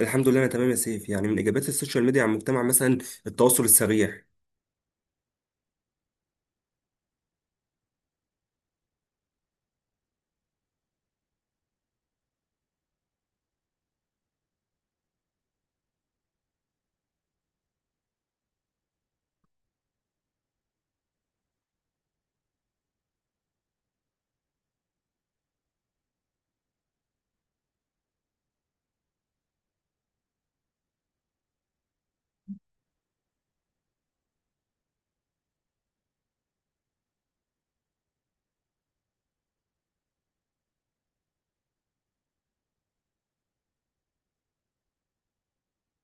الحمد لله، انا تمام يا سيف. يعني من ايجابيات السوشيال ميديا على المجتمع مثلا التواصل السريع.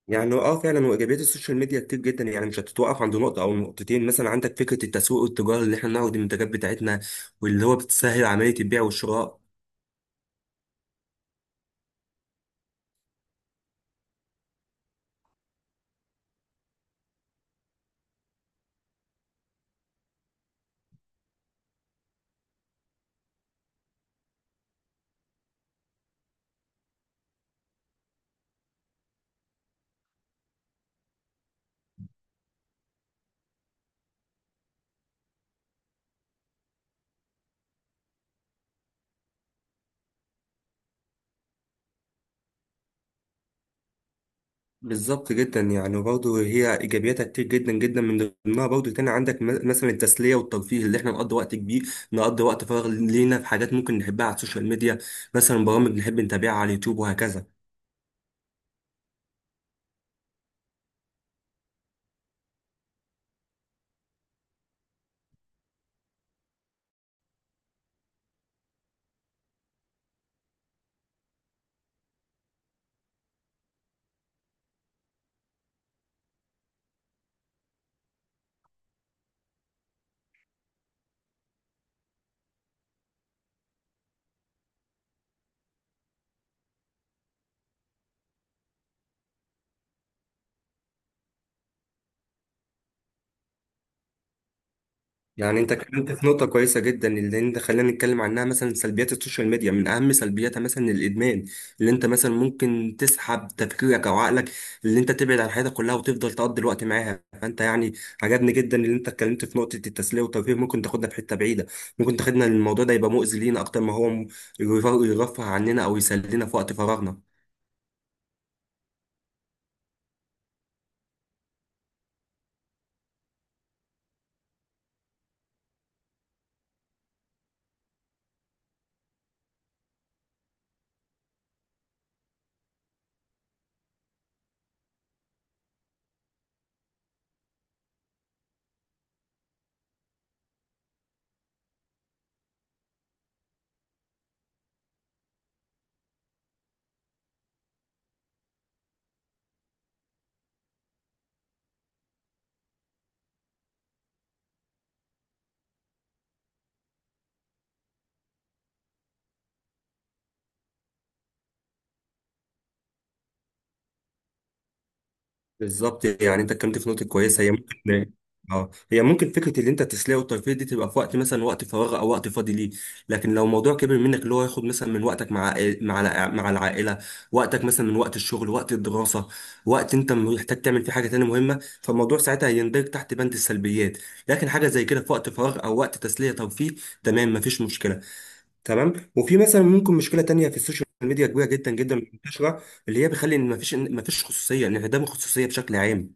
يعني فعلا، وايجابيات السوشيال ميديا كتير جدا، يعني مش هتتوقف عند نقطه او نقطتين. مثلا عندك فكره التسويق والتجاره اللي احنا بنعرض المنتجات بتاعتنا، واللي هو بتسهل عمليه البيع والشراء. بالظبط، جدا يعني. برضه هي ايجابياتها كتير جدا جدا، من ضمنها برضه تاني عندك مثلا التسليه والترفيه اللي احنا نقضي وقت فراغ لينا في حاجات ممكن نحبها على السوشيال ميديا، مثلا برامج نحب نتابعها على اليوتيوب وهكذا. يعني انت اتكلمت في نقطة كويسة جدا، اللي انت خلينا نتكلم عنها، مثلا سلبيات السوشيال ميديا. من اهم سلبياتها مثلا الادمان، اللي انت مثلا ممكن تسحب تفكيرك او عقلك، اللي انت تبعد عن حياتك كلها وتفضل تقضي الوقت معاها. فانت يعني عجبني جدا اللي انت اتكلمت في نقطة التسلية والترفيه. ممكن تاخدنا في حتة بعيدة، ممكن تاخدنا الموضوع ده يبقى مؤذي لينا اكتر ما هو يرفه عننا او يسلينا في وقت فراغنا. بالظبط. يعني انت اتكلمت في نقطه كويسه، هي ممكن اه هي ممكن فكره اللي انت التسليه والترفيه دي تبقى في وقت مثلا وقت فراغ او وقت فاضي ليه. لكن لو موضوع كبر منك، اللي هو ياخد مثلا من وقتك مع مع العائله، وقتك مثلا من وقت الشغل، وقت الدراسه، وقت انت محتاج تعمل فيه حاجه تانية مهمه، فالموضوع ساعتها هيندرج تحت بند السلبيات. لكن حاجه زي كده في وقت فراغ او وقت تسليه ترفيه، تمام، مفيش مشكله. تمام. وفي مثلا ممكن مشكله تانية في السوشيال ميديا كبيره جدا جدا منتشره، اللي هي بتخلي ان مفيش إن مفيش خصوصيه، انعدام الخصوصيه بشكل عام.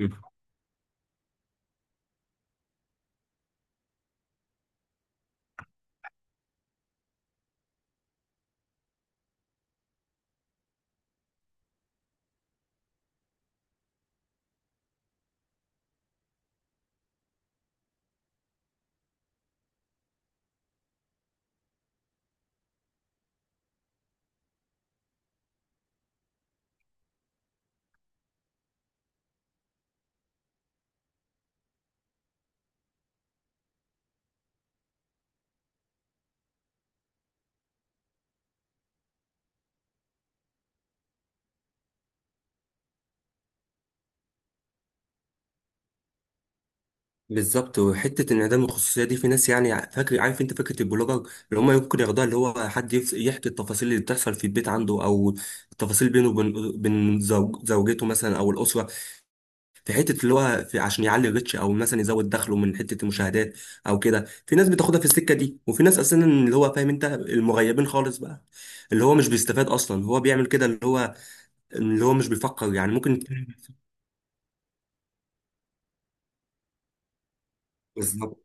مم. بالظبط. وحته انعدام الخصوصيه دي في ناس يعني فاكر، عارف انت فكره البلوجر اللي هم ممكن ياخدوها، اللي هو حد يحكي التفاصيل اللي بتحصل في البيت عنده، او التفاصيل بينه وبين زوج زوجته مثلا او الاسره. في حته اللي هو في عشان يعلي الريتش، او مثلا يزود دخله من حته المشاهدات او كده. في ناس بتاخدها في السكه دي، وفي ناس اساسا اللي هو فاهم انت المغيبين خالص بقى، اللي هو مش بيستفاد اصلا هو بيعمل كده، اللي هو مش بيفكر يعني ممكن. بالظبط.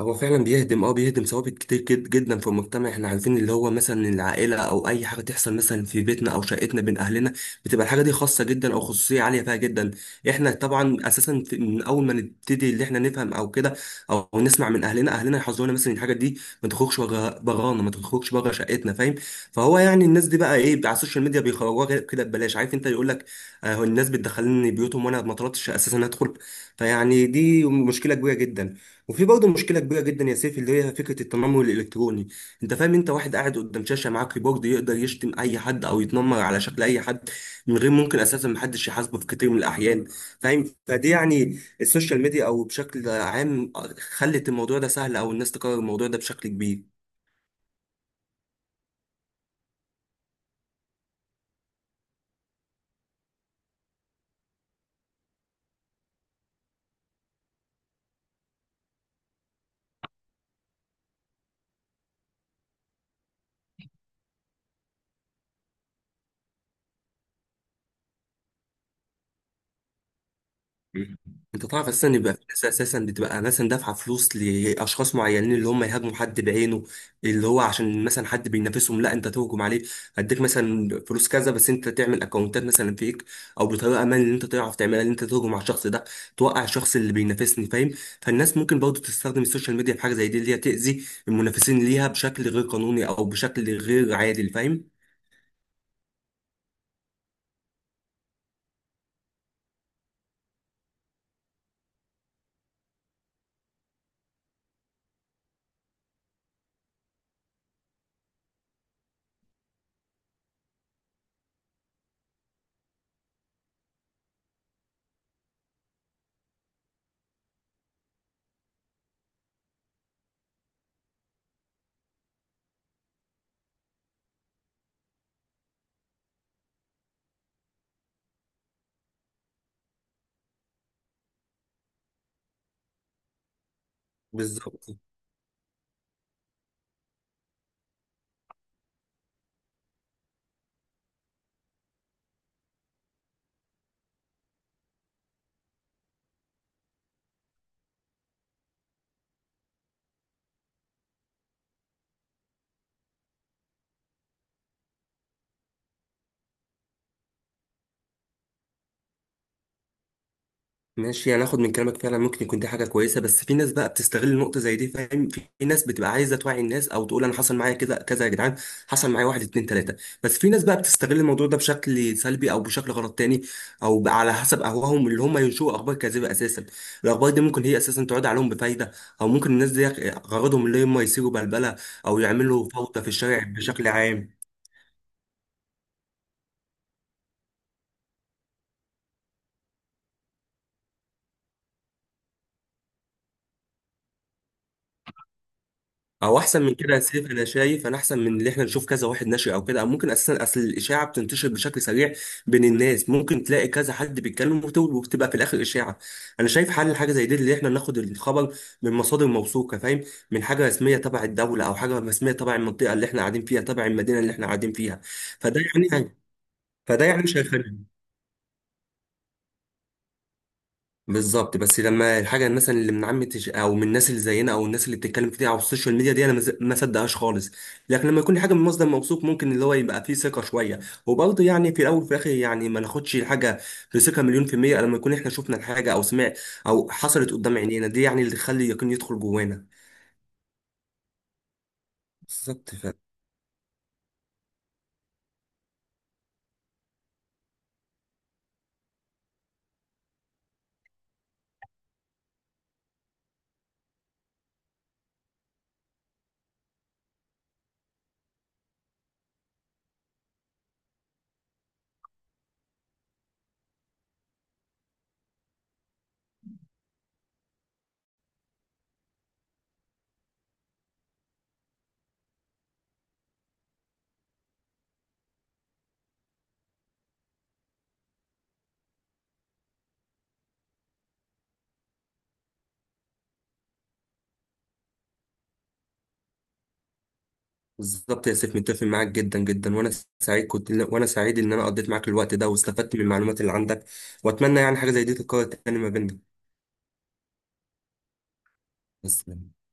هو فعلا بيهدم، بيهدم ثوابت كتير جد جدا في المجتمع. احنا عارفين اللي هو مثلا العائله او اي حاجه تحصل مثلا في بيتنا او شقتنا بين اهلنا، بتبقى الحاجه دي خاصه جدا، او خصوصيه عاليه فيها جدا. احنا طبعا اساسا من اول ما نبتدي اللي احنا نفهم او كده، او نسمع من اهلنا، اهلنا يحذرونا مثلا الحاجه دي ما تخرجش بغانا، ما تخرجش بره شقتنا، فاهم؟ فهو يعني الناس دي بقى ايه على السوشيال ميديا بيخرجوها كده ببلاش، عارف انت، يقول لك الناس بتدخلني بيوتهم وانا ما طلبتش اساسا ادخل. فيعني دي مشكله كبيره جدا. وفي برضه مشكله كبيره جدا يا سيف، اللي هي فكره التنمر الالكتروني. انت فاهم، انت واحد قاعد قدام شاشه معاه كيبورد، يقدر يشتم اي حد او يتنمر على شكل اي حد من غير ممكن اساسا محدش يحاسبه في كتير من الاحيان، فاهم؟ فدي يعني السوشيال ميديا او بشكل عام خلت الموضوع ده سهل، او الناس تكرر الموضوع ده بشكل كبير. مم. انت تعرف اساسا يبقى في ناس اساسا بتبقى مثلا دافعه فلوس لاشخاص معينين، اللي هم يهاجموا حد بعينه، اللي هو عشان مثلا حد بينافسهم. لا انت تهجم عليه، هديك مثلا فلوس كذا، بس انت تعمل اكونتات مثلا فيك او بطريقه ما اللي انت تعرف تعملها، اللي انت تهجم على الشخص ده، توقع الشخص اللي بينافسني، فاهم؟ فالناس ممكن برضه تستخدم السوشيال ميديا في حاجه زي دي، اللي هي تاذي المنافسين ليها بشكل غير قانوني او بشكل غير عادل، فاهم؟ بالظبط. ماشي، انا اخد من كلامك، فعلا ممكن يكون دي حاجه كويسه، بس في ناس بقى بتستغل النقطه زي دي، فاهم؟ في ناس بتبقى عايزه توعي الناس او تقول انا حصل معايا كذا كذا يا جدعان، حصل معايا واحد اتنين تلاته، بس في ناس بقى بتستغل الموضوع ده بشكل سلبي او بشكل غلط تاني، او بقى على حسب اهواهم اللي هم ينشئوا اخبار كاذبه اساسا. الاخبار دي ممكن هي اساسا تعود عليهم بفايده، او ممكن الناس دي غرضهم اللي هم يثيروا بلبله او يعملوا فوضى في الشارع بشكل عام. او احسن من كده يا سيف، انا شايف انا احسن من اللي احنا نشوف كذا واحد نشري او كده، او ممكن اساسا اصل الاشاعه بتنتشر بشكل سريع بين الناس، ممكن تلاقي كذا حد بيتكلم وبتبقى في الاخر اشاعه. انا شايف حل حاجه زي دي اللي احنا ناخد الخبر من مصادر موثوقه، فاهم؟ من حاجه رسميه تبع الدوله او حاجه رسميه تبع المنطقه اللي احنا قاعدين فيها، تبع المدينه اللي احنا قاعدين فيها. فده يعني فده يعني مش هيخلي. بالظبط. بس لما الحاجه مثلا اللي من عامه او من الناس اللي زينا او الناس اللي بتتكلم كتير على السوشيال ميديا دي، انا ما صدقهاش خالص. لكن لما يكون حاجه من مصدر موثوق، ممكن اللي هو يبقى فيه ثقه شويه. وبرضه يعني في الاول وفي الاخر يعني ما ناخدش الحاجه بثقه مليون في الميه، لما يكون احنا شفنا الحاجه او سمع او حصلت قدام عينينا، دي يعني اللي تخلي اليقين يدخل جوانا. بالظبط. بالظبط يا سيف، متفق معاك جدا جدا. وانا سعيد ان انا قضيت معاك الوقت ده واستفدت من المعلومات اللي عندك، واتمنى يعني حاجه زي دي تتكرر تاني ما بيننا. بس